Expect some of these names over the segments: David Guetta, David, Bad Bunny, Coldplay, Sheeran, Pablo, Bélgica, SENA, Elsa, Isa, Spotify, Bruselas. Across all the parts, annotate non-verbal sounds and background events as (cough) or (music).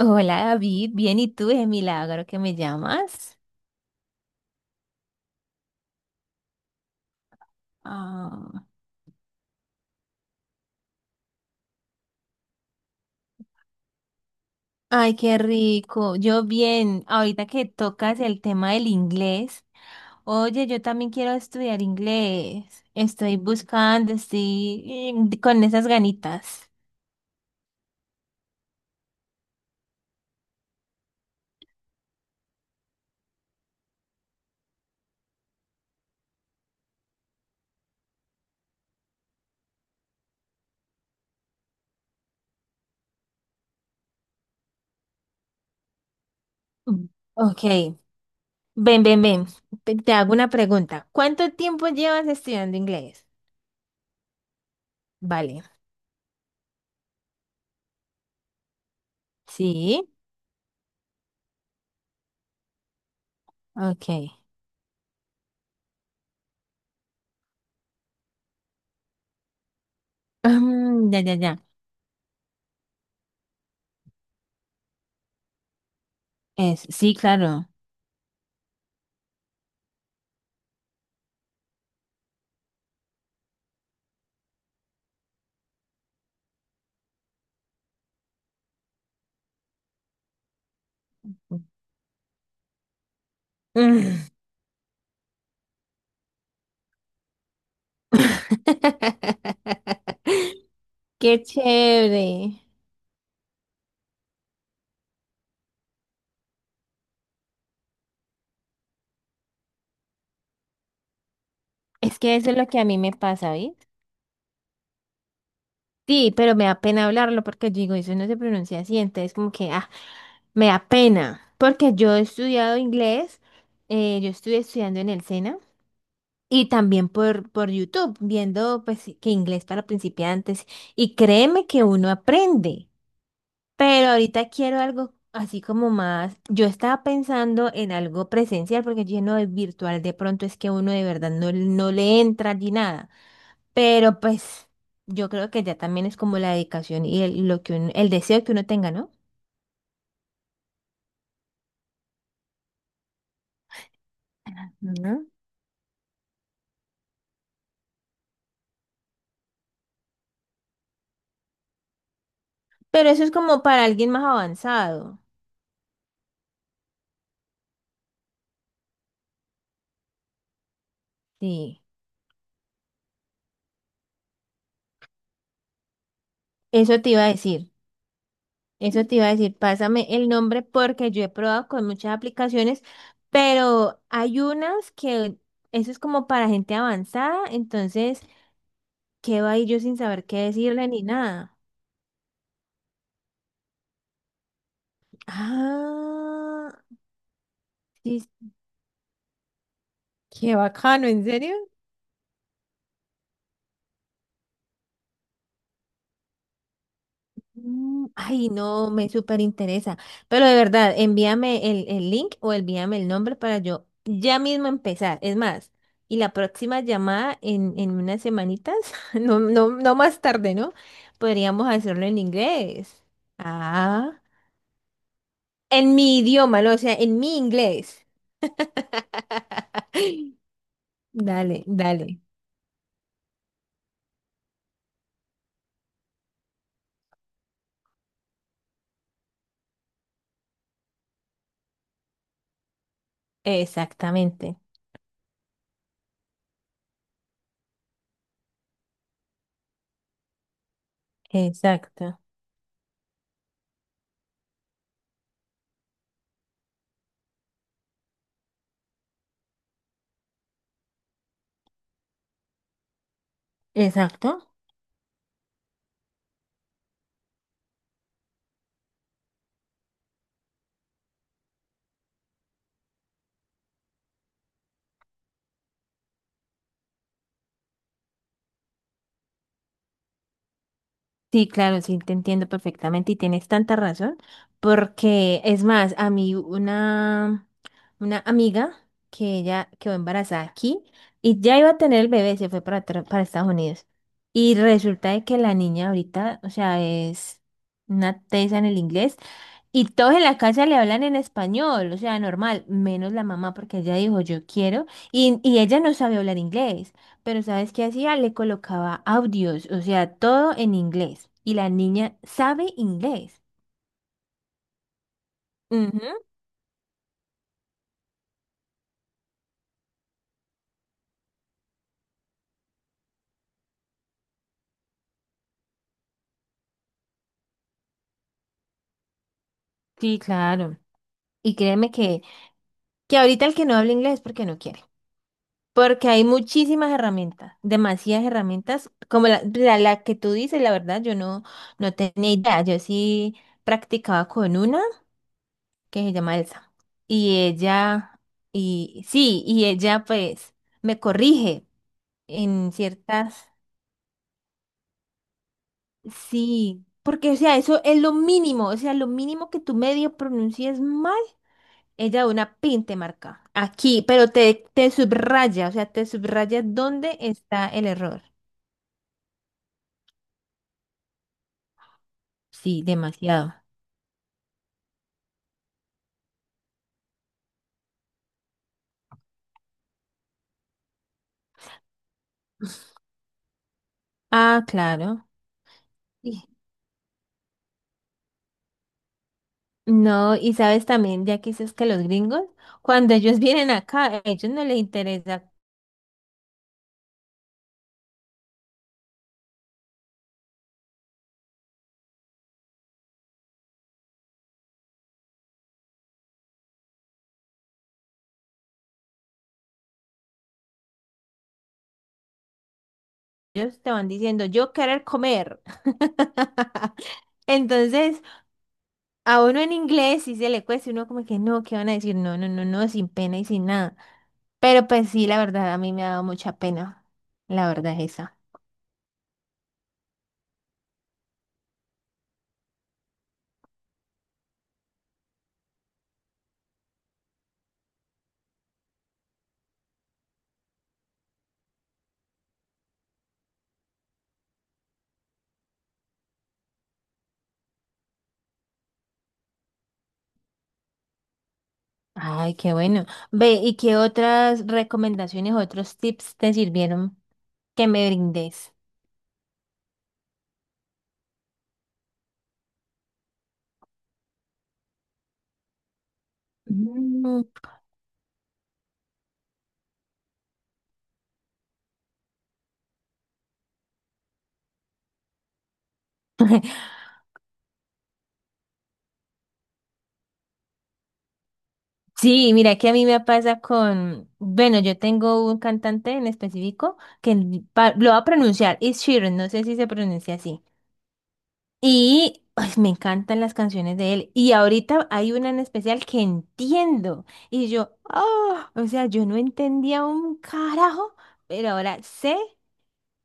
Hola David, bien, ¿y tú? Es milagro que me llamas. Ah, ay, qué rico. Yo bien, ahorita que tocas el tema del inglés, oye, yo también quiero estudiar inglés. Estoy buscando, estoy con esas ganitas. Mm. Ok, ven. Te hago una pregunta. ¿Cuánto tiempo llevas estudiando inglés? Vale. Sí, ok. Mm, ya, ya, ya. Es, sí, claro. Mm, (laughs) Qué chévere. Es que eso es lo que a mí me pasa, ¿oís? Sí, pero me da pena hablarlo porque yo digo, eso no se pronuncia así, entonces como que, ah, me da pena. Porque yo he estudiado inglés, yo estuve estudiando en el SENA y también por YouTube, viendo pues que inglés para principiantes. Y créeme que uno aprende. Pero ahorita quiero algo así como más. Yo estaba pensando en algo presencial, porque lleno de virtual de pronto es que uno de verdad no, no le entra ni nada. Pero pues yo creo que ya también es como la dedicación y el, lo que uno, el deseo que uno tenga, ¿no? Ujú. Pero eso es como para alguien más avanzado. Sí, eso te iba a decir. Eso te iba a decir. Pásame el nombre porque yo he probado con muchas aplicaciones, pero hay unas que eso es como para gente avanzada, entonces ¿qué quedo ahí yo sin saber qué decirle ni nada? Ah, sí, qué bacano, ¿en serio? Mm, ay, no, me súper interesa. Pero de verdad, envíame el link o envíame el nombre para yo ya mismo empezar. Es más, y la próxima llamada en unas semanitas, (laughs) no, no, no más tarde, ¿no? Podríamos hacerlo en inglés. Ah, en mi idioma, ¿no? O sea, en mi inglés. (laughs) Dale, dale. Exactamente, exacto, exacto. Sí, claro, sí, te entiendo perfectamente y tienes tanta razón, porque es más, a mí una amiga que ella quedó embarazada aquí y ya iba a tener el bebé, se fue para, tra- para Estados Unidos. Y resulta de que la niña ahorita, o sea, es una tesa en el inglés. Y todos en la casa le hablan en español, o sea, normal, menos la mamá porque ella dijo yo quiero y, ella no sabía hablar inglés, pero ¿sabes qué hacía? Le colocaba audios, o sea, todo en inglés y la niña sabe inglés. Ujú. Sí, claro. Y créeme que ahorita el que no habla inglés es porque no quiere, porque hay muchísimas herramientas, demasiadas herramientas, como la que tú dices, la verdad, yo no, no tenía idea, yo sí practicaba con una. Que se llama Elsa. Y ella, y sí, y ella pues me corrige en ciertas, sí, porque o sea, eso es lo mínimo, o sea, lo mínimo que tú medio pronuncies mal, ella de una pin te marca aquí, pero te subraya, o sea, te subraya dónde está el error. Sí, demasiado. Ah, claro. Sí. No, y sabes también, ya que dices que los gringos, cuando ellos (laughs) vienen acá, a ellos no les interesa. Ellos te van diciendo, yo querer comer. (laughs) Entonces, a uno en inglés sí se le cuesta, uno como que no, ¿qué van a decir? No, no, no, no, sin pena y sin nada. Pero pues sí, la verdad, a mí me ha dado mucha pena. La verdad es esa. Ay, qué bueno. Ve, ¿y qué otras recomendaciones, otros tips te sirvieron que me brindes? Mm. Sí, mira que a mí me pasa con, bueno, yo tengo un cantante en específico lo va a pronunciar, es Sheeran, no sé si se pronuncia así. Y ay, me encantan las canciones de él. Y ahorita hay una en especial que entiendo. Y yo, ah, o sea, yo no entendía un carajo, pero ahora sé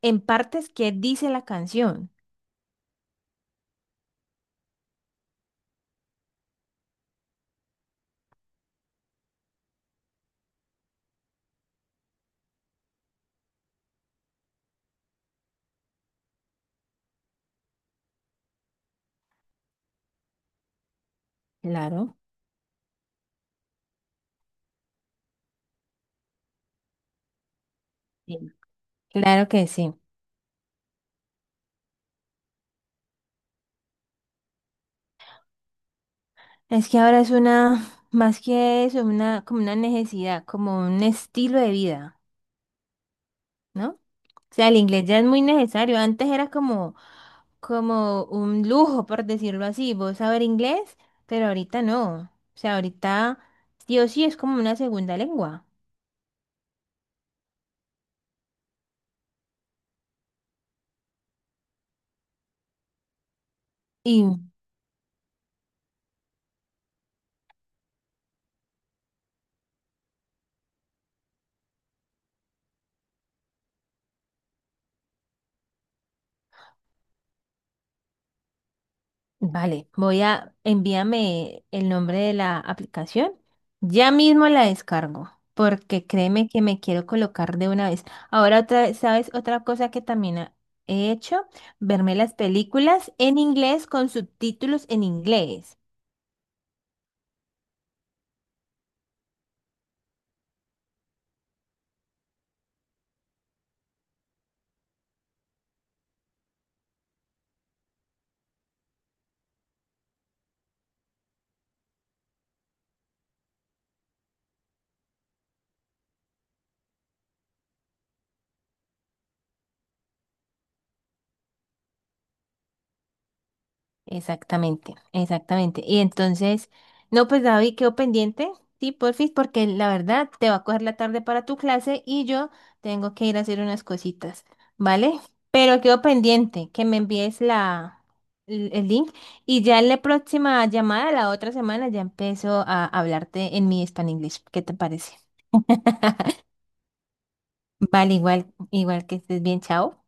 en partes qué dice la canción. Claro, sí, claro que sí. Es que ahora es una, más que eso, una, como una necesidad, como un estilo de vida. ¿No? O sea, el inglés ya es muy necesario. Antes era como, como un lujo, por decirlo así, vos saber inglés, pero ahorita no. O sea, ahorita sí o sí es como una segunda lengua. Y vale, voy a envíame el nombre de la aplicación. Ya mismo la descargo, porque créeme que me quiero colocar de una vez. Ahora otra, vez, ¿sabes? Otra cosa que también he hecho, verme las películas en inglés con subtítulos en inglés. Exactamente, exactamente. Y entonces, no, pues David, quedó pendiente, sí, porfis, porque la verdad te va a coger la tarde para tu clase y yo tengo que ir a hacer unas cositas, ¿vale? Pero quedó pendiente que me envíes el link y ya en la próxima llamada, la otra semana, ya empiezo a hablarte en mi Spanish English. ¿Qué te parece? Vale, igual, igual que estés bien, chao.